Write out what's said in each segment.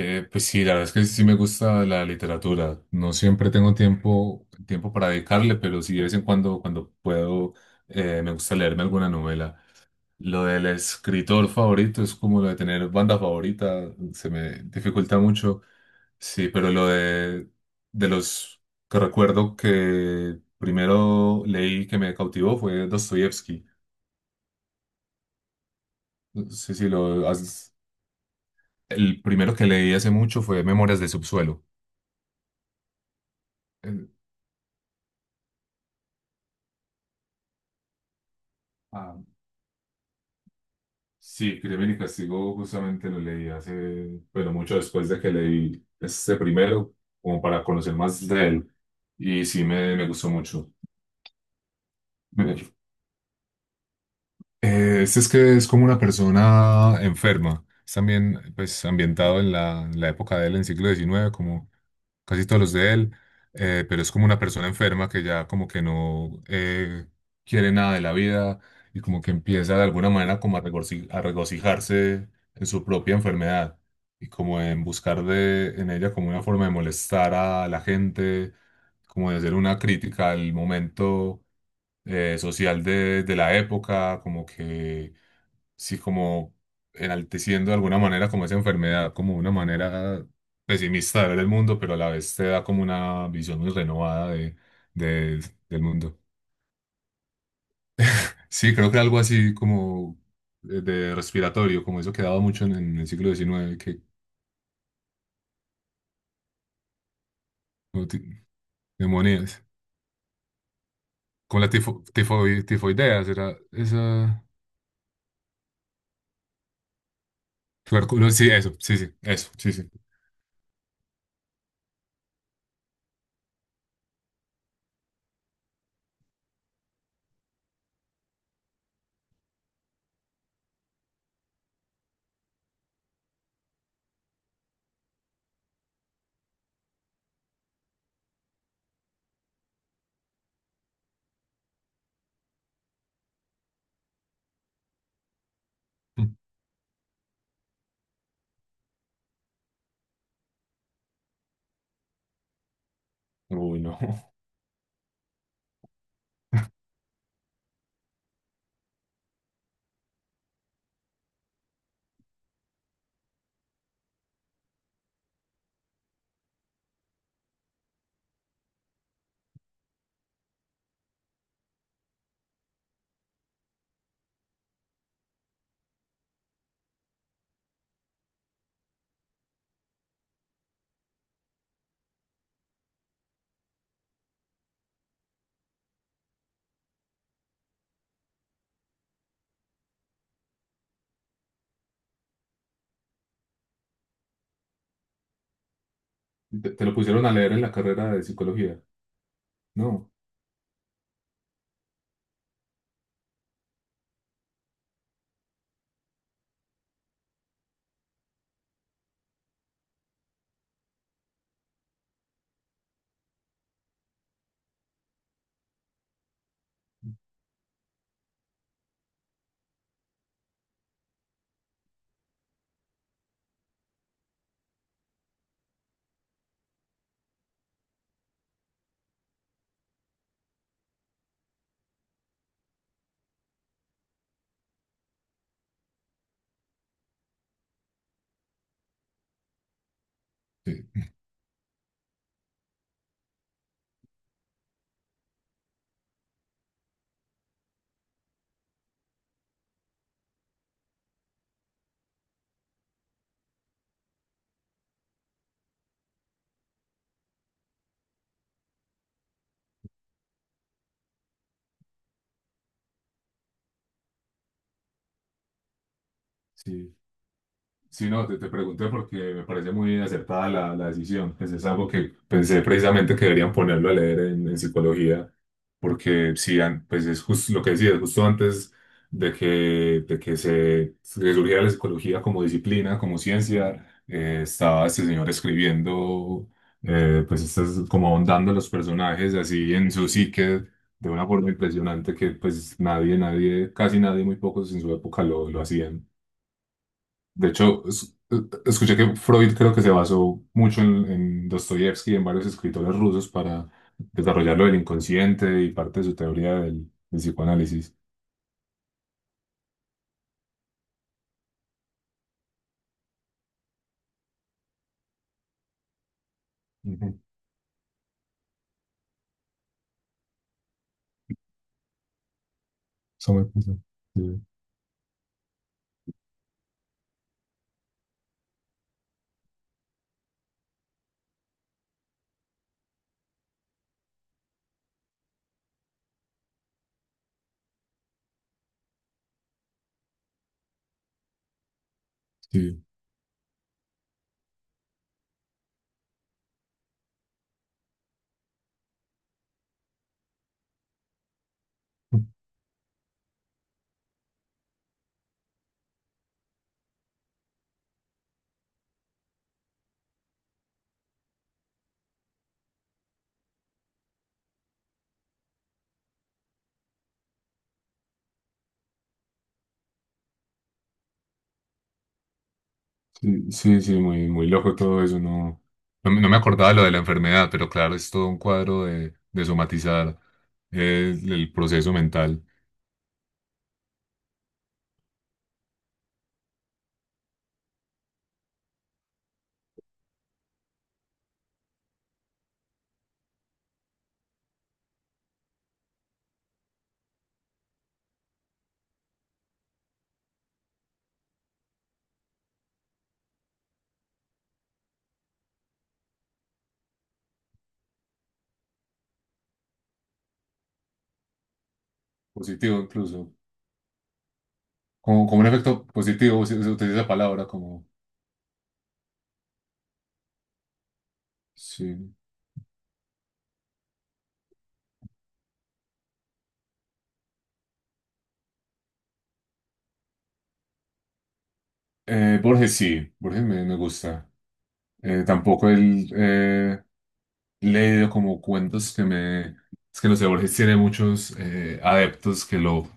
Pues sí, la verdad es que sí me gusta la literatura. No siempre tengo tiempo para dedicarle, pero sí de vez en cuando, cuando puedo, me gusta leerme alguna novela. Lo del escritor favorito es como lo de tener banda favorita, se me dificulta mucho. Sí, pero lo de los que recuerdo que primero leí que me cautivó fue Dostoyevsky. No sé si lo has- El primero que leí hace mucho fue Memorias de Subsuelo. Eh, Sí, Crimen y Castigo justamente lo leí hace, bueno, mucho después de que leí este primero, como para conocer más de él. Y sí, me gustó mucho. Me- este es que es como una persona enferma. Es también, pues, ambientado en la época de él, en el siglo XIX como casi todos los de él, pero es como una persona enferma que ya como que no quiere nada de la vida y como que empieza de alguna manera como a regocijarse en su propia enfermedad y como en buscar en ella como una forma de molestar a la gente, como de hacer una crítica al momento social de la época, como que sí, como enalteciendo de alguna manera como esa enfermedad, como una manera pesimista de ver el mundo, pero a la vez te da como una visión muy renovada de, de- del mundo. Sí, creo que algo así como de respiratorio, como eso que daba mucho en el siglo XIX, que como neumonías, como la tifoidea será esa... tuberculosis, sí, eso, sí, sí, eso, sí, sí. Mm. Uy, no. ¿Te lo pusieron a leer en la carrera de psicología? No. Sí. Sí. Sí, no, te pregunté porque me parece muy acertada la decisión. Pues es algo que pensé precisamente que deberían ponerlo a leer en psicología, porque sí, pues es justo lo que decías, justo antes de que se surgiera la psicología como disciplina, como ciencia, estaba este señor escribiendo, pues estas, como ahondando los personajes así en su psique de una forma impresionante que pues nadie, nadie, casi nadie, muy pocos en su época lo hacían. De hecho, escuché que Freud creo que se basó mucho en Dostoyevsky y en varios escritores rusos para desarrollar lo del inconsciente y parte de su teoría del psicoanálisis. Ujú. Eso me pasa. Sí, sí, sí, sí, sí, muy, muy loco todo eso. No, no, me no me acordaba de lo de la enfermedad, pero claro, es todo un cuadro de somatizar el proceso mental. Positivo incluso. Como un efecto positivo, se utiliza esa palabra como... Sí. Borges sí, Borges me gusta. Tampoco él leído como cuentos que me... Es que no sé, Borges tiene muchos adeptos que lo,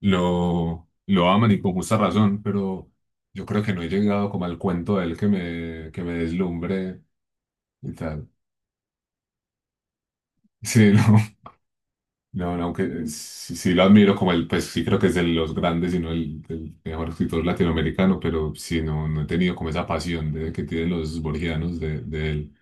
lo, lo aman y con justa razón, pero yo creo que no he llegado como al cuento de él que me deslumbre y tal. Sí, no, no, no, aunque sí, sí lo admiro como pues sí creo que es de los grandes y no el mejor escritor latinoamericano, pero sí, no, no he tenido como esa pasión que tienen los borgianos de él.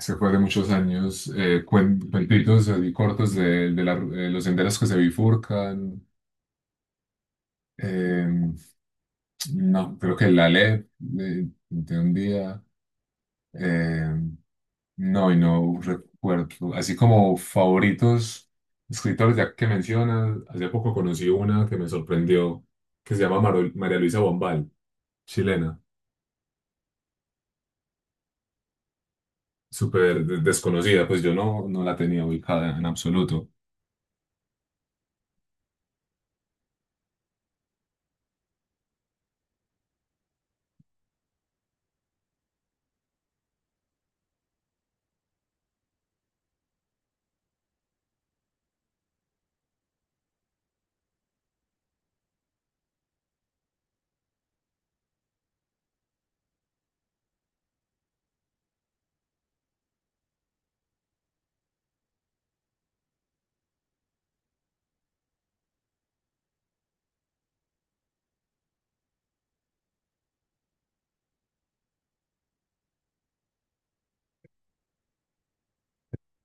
Se fue de muchos años, cuentitos así cortos los senderos que se bifurcan. eh, no, creo que la ley de un día. eh, no, y no recuerdo. Así como favoritos escritores, ya que mencionas, hace poco conocí una que me sorprendió, que se llama María Luisa Bombal, chilena, súper desconocida, pues yo no la tenía ubicada en absoluto.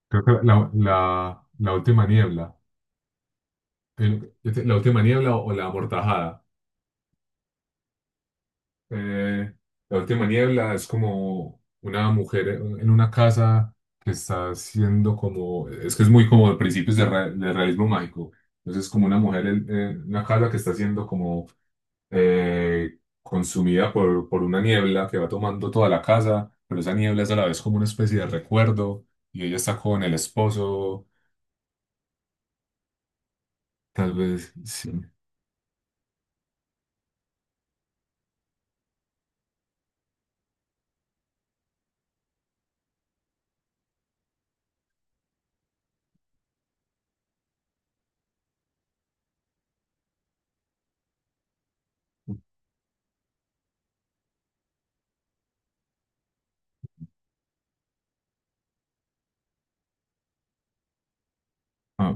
Creo que la última niebla. Este, la última niebla o, la amortajada. Eh, la última niebla es como una mujer en una casa que está haciendo como. Es que es muy como de principios del realismo mágico. Entonces, como una mujer en una casa que está siendo como consumida por una niebla que va tomando toda la casa, pero esa niebla es a la vez como una especie de recuerdo y ella está con el esposo, tal vez. Sí. Ah,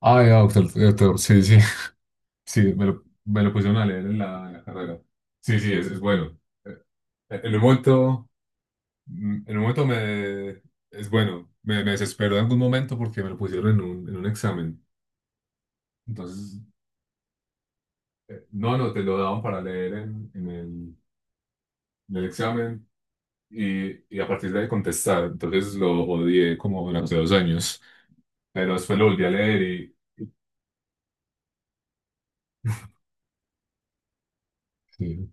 Ah, de Doctor, Doctor, sí, sí, sí, me lo pusieron a leer en la carrera. Sí, sí, es bueno. Eh, En un momento, en un momento me, es bueno, me desesperó en algún momento porque me lo pusieron en un examen. Entonces, no, no, te lo daban para leer en, en el examen y a partir de ahí contestar. Entonces lo odié como durante 2 años, pero después lo volví a leer y... Sí.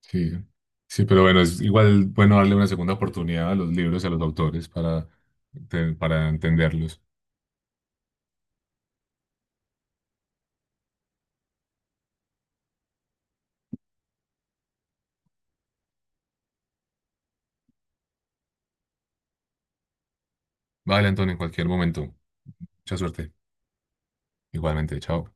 Sí, sí, pero bueno, es igual bueno darle una segunda oportunidad a los libros y a los autores para entenderlos. Vale, Antonio, en cualquier momento. Mucha suerte. Igualmente, chao.